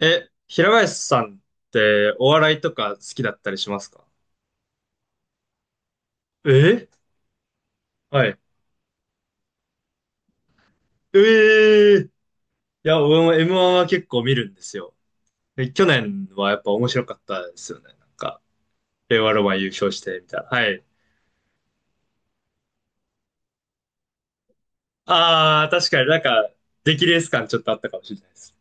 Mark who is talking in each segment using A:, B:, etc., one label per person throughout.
A: 平林さんってお笑いとか好きだったりしますか？え。はい。ええ。いや、俺も M1 は結構見るんですよ。で去年はやっぱ面白かったですよね。なんか、令和ロマン優勝してみたいな。はい。ああ、確かになんか、出来レース感ちょっとあったかもしれないです。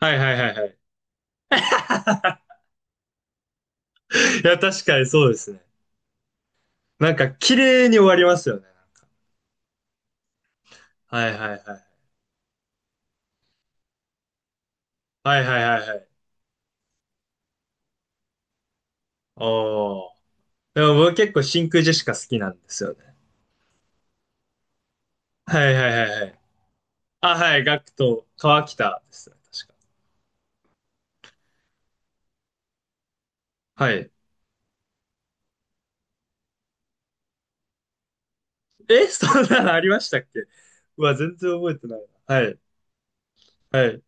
A: はいはいはいはい。いや、確かにそうですね。なんか、綺麗に終わりますよね。はいはいはい。はいはいはいはい。おー。でも僕結構真空ジェシカ好きなんですよね。はいはいはいはい。あ、はい、ガクと川北ですね、確か。はい。え、そんなのありましたっけ？うわ、全然覚えてないな。はい、はい。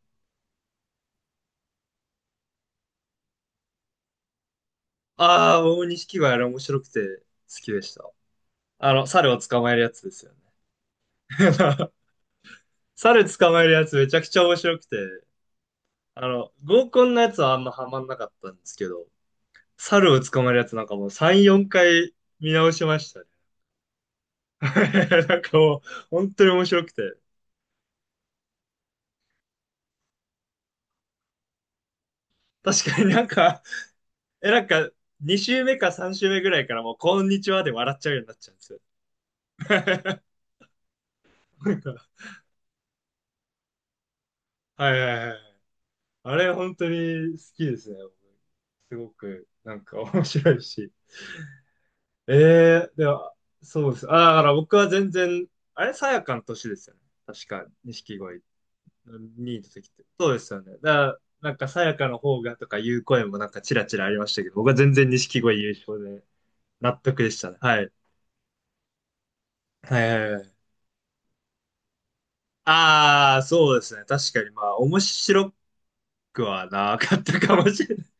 A: ああ、大錦鯉あれ面白くて好きでした。あの、猿を捕まえるやつですよね。猿捕まえるやつめちゃくちゃ面白くて、あの、合コンのやつはあんまハマんなかったんですけど、猿を捕まえるやつなんかもう3、4回見直しましたね。なんかもう、本当に面白くて。確かになんか、なんか、2週目か3週目ぐらいからもう、こんにちはで笑っちゃうようになっちゃうんですよ。なんか。はいはいはい。あれ、本当に好きですね。すごく、なんか面白いし。では、そうです。あ、だから僕は全然、あれ、さやかの年ですよね。確か、錦鯉にいて時って。そうですよね。だから、なんかさやかの方がとかいう声もなんかチラチラありましたけど、僕は全然錦鯉優勝で納得でしたね。はい。はいはいはい。ああ、そうですね。確かに、まあ、面白くはなかったかもしれない。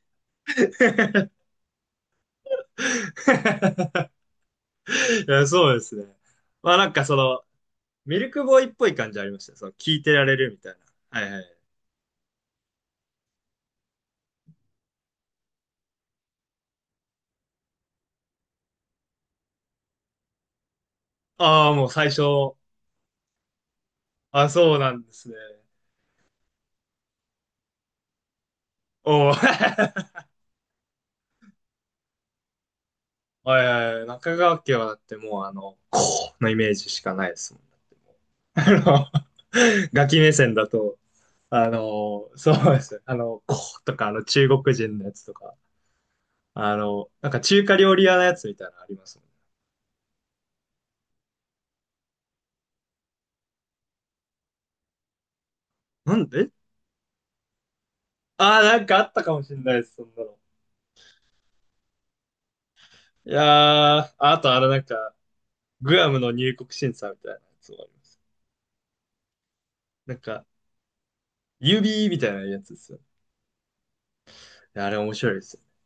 A: いや、そうですね。まあ、なんかその、ミルクボーイっぽい感じありました。その、聞いてられるみたいな。はいはい。ああ、もう最初。あ、そうなんですね。おお。 はいはいはい。中川家はだってもう、あの、こうのイメージしかないですもん。だってもうあの、ガキ目線だと、あの、そうですね。あの、こうとか、あの、中国人のやつとか。あの、なんか中華料理屋のやつみたいなのありますもん。なんで。ああー、なんかあったかもしれないです、そんなの。いやー、あとあれなんか、グアムの入国審査みたいなやつもあります。なんか、指みたいなやつですよね。いやあれ面白いですよね。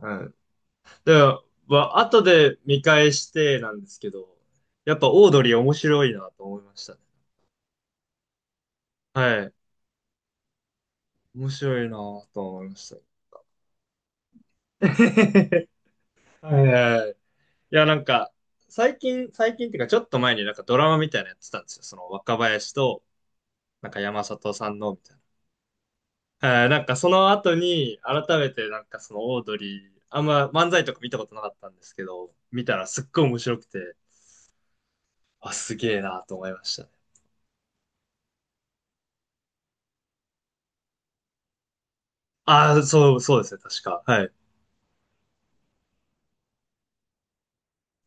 A: うん。でも、まあ、後で見返してなんですけど、やっぱオードリー面白いなと思いましたね。はい。面白いなと思いました。はいはいはい。いや、なんか、最近、最近っていうか、ちょっと前になんかドラマみたいなのやってたんですよ。その若林と、なんか山里さんの、みたいな。なんかその後に、改めてなんかそのオードリー、あんま漫才とか見たことなかったんですけど、見たらすっごい面白くて、あ、すげえなと思いましたね。ああ、そう、そうですね、確か。はい。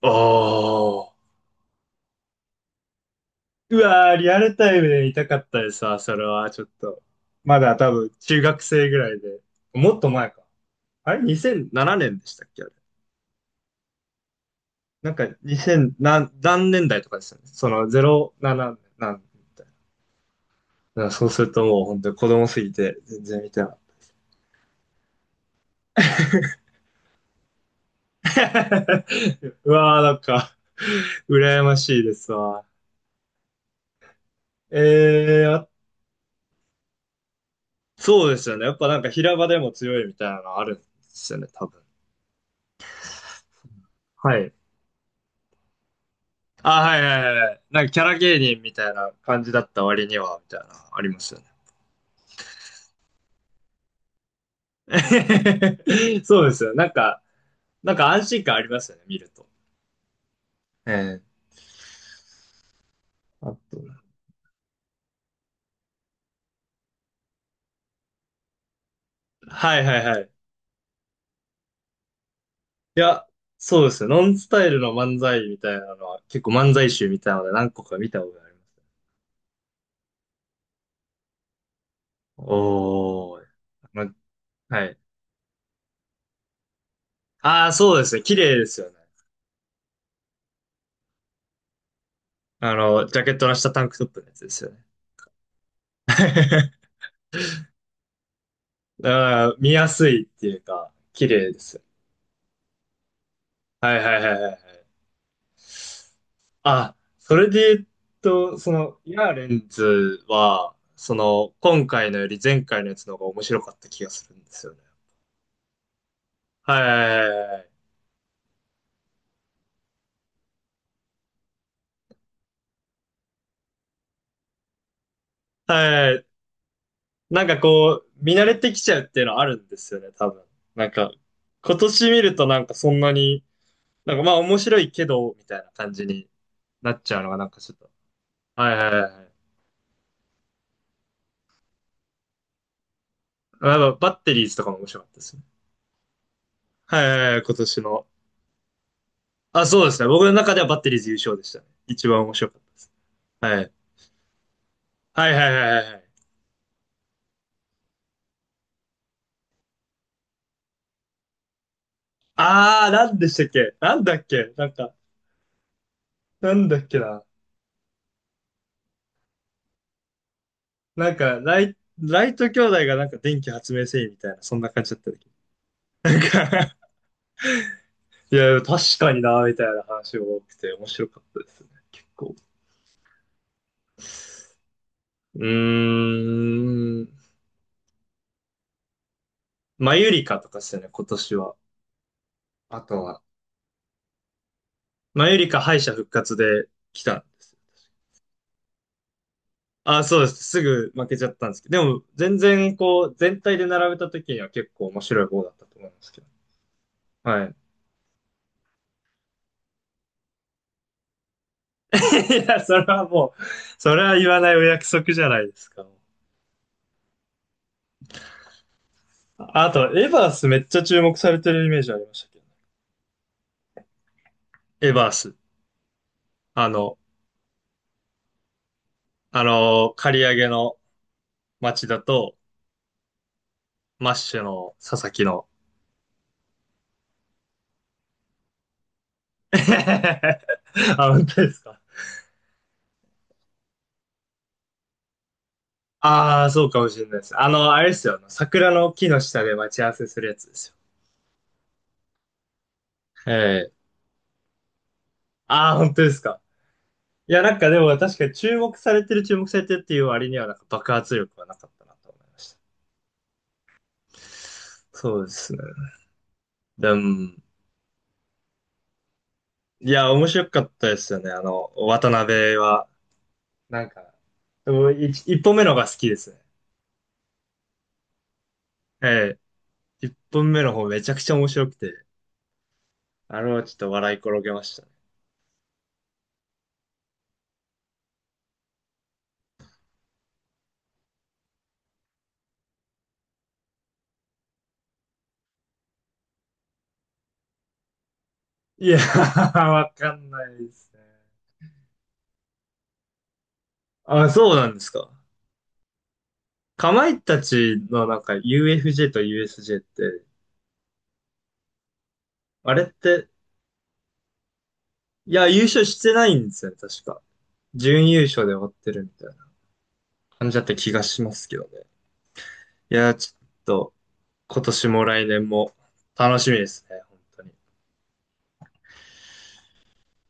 A: おー。うわー、リアルタイムで見たかったですわ、それは、ちょっと。まだ多分、中学生ぐらいで。もっと前か。あれ？ 2007 年でしたっけ？あれ？なんか2000何、何年代とかですよね。その07何年みたいな。だからそうするともう本当に子供すぎて全然見てない。うわーなんか羨ましいですわ。あ、そうですよね。やっぱなんか平場でも強いみたいなのあるんですよね、多分。はい。あ、はいはいはいはい。なんかキャラ芸人みたいな感じだった割には、みたいな、ありますよね。そうですよ。なんか安心感ありますよね、見ると。ええ。あと。はいはいはい。いや、そうですよ。ノンスタイルの漫才みたいなのは、結構漫才集みたいなので何個か見たことあります。おー。ま、はい。ああ、そうですね。綺麗ですよね。あの、ジャケットの下タンクトップのやつですよね。だから見やすいっていうか、綺麗ですよ。はいはいはいはいはい。あ、それで言うと、その、イヤーレンズは、その、今回のより前回のやつの方が面白かった気がするんですよね。はいはいはいはい。はい。なんかこう、見慣れてきちゃうっていうのはあるんですよね、多分。なんか、今年見るとなんかそんなに、なんかまあ面白いけど、みたいな感じになっちゃうのがなんかちょっと。はいはいはいはい。やっぱバッテリーズとかも面白かったですね。はいはいはい、今年の。あ、そうですね。僕の中ではバッテリーズ優勝でしたね。一番面白かったです。はい。はいはいはいはいはい。あー、なんでしたっけ？なんだっけ？なんか、なんだっけな。なんか、ライト兄弟がなんか電気発明せいみたいな、そんな感じだったっけ？なんか、いや、確かにな、みたいな話が多くて面白かったですね、結構。うーん。マユリカとかですよね、今年は。あとは。マユリカ敗者復活で来たんですよ。あ、そうです。すぐ負けちゃったんですけど、でも全然こう、全体で並べた時には結構面白い方だったと思いますけど。はい。いや、それはもう、それは言わないお約束じゃないですか。あと、エバースめっちゃ注目されてるイメージありましたけどね。エバース。あの、あの、刈り上げの町田と、マッシュの佐々木の。あ、本当ですか。ああ、そうかもしれないです。あの、あれですよ。あの桜の木の下で待ち合わせするやつですよ。ええ。ああ、本当ですか。いや、なんかでも確かに注目されてる、注目されてるっていう割には、なんか爆発力はなかったなと思いました。そうですね。でも、いや、面白かったですよね。あの、渡辺は。なんか、でも一本目のが好きですね。ええ。一本目の方めちゃくちゃ面白くて。あれはちょっと笑い転げましたね。いやー、わかんないですね。あ、そうなんですか。かまいたちのなんか UFJ と USJ って、あれって、いや、優勝してないんですよね、確か。準優勝で終わってるみたいな感じだった気がしますけどね。いや、ちょっと、今年も来年も楽しみですね、本当に。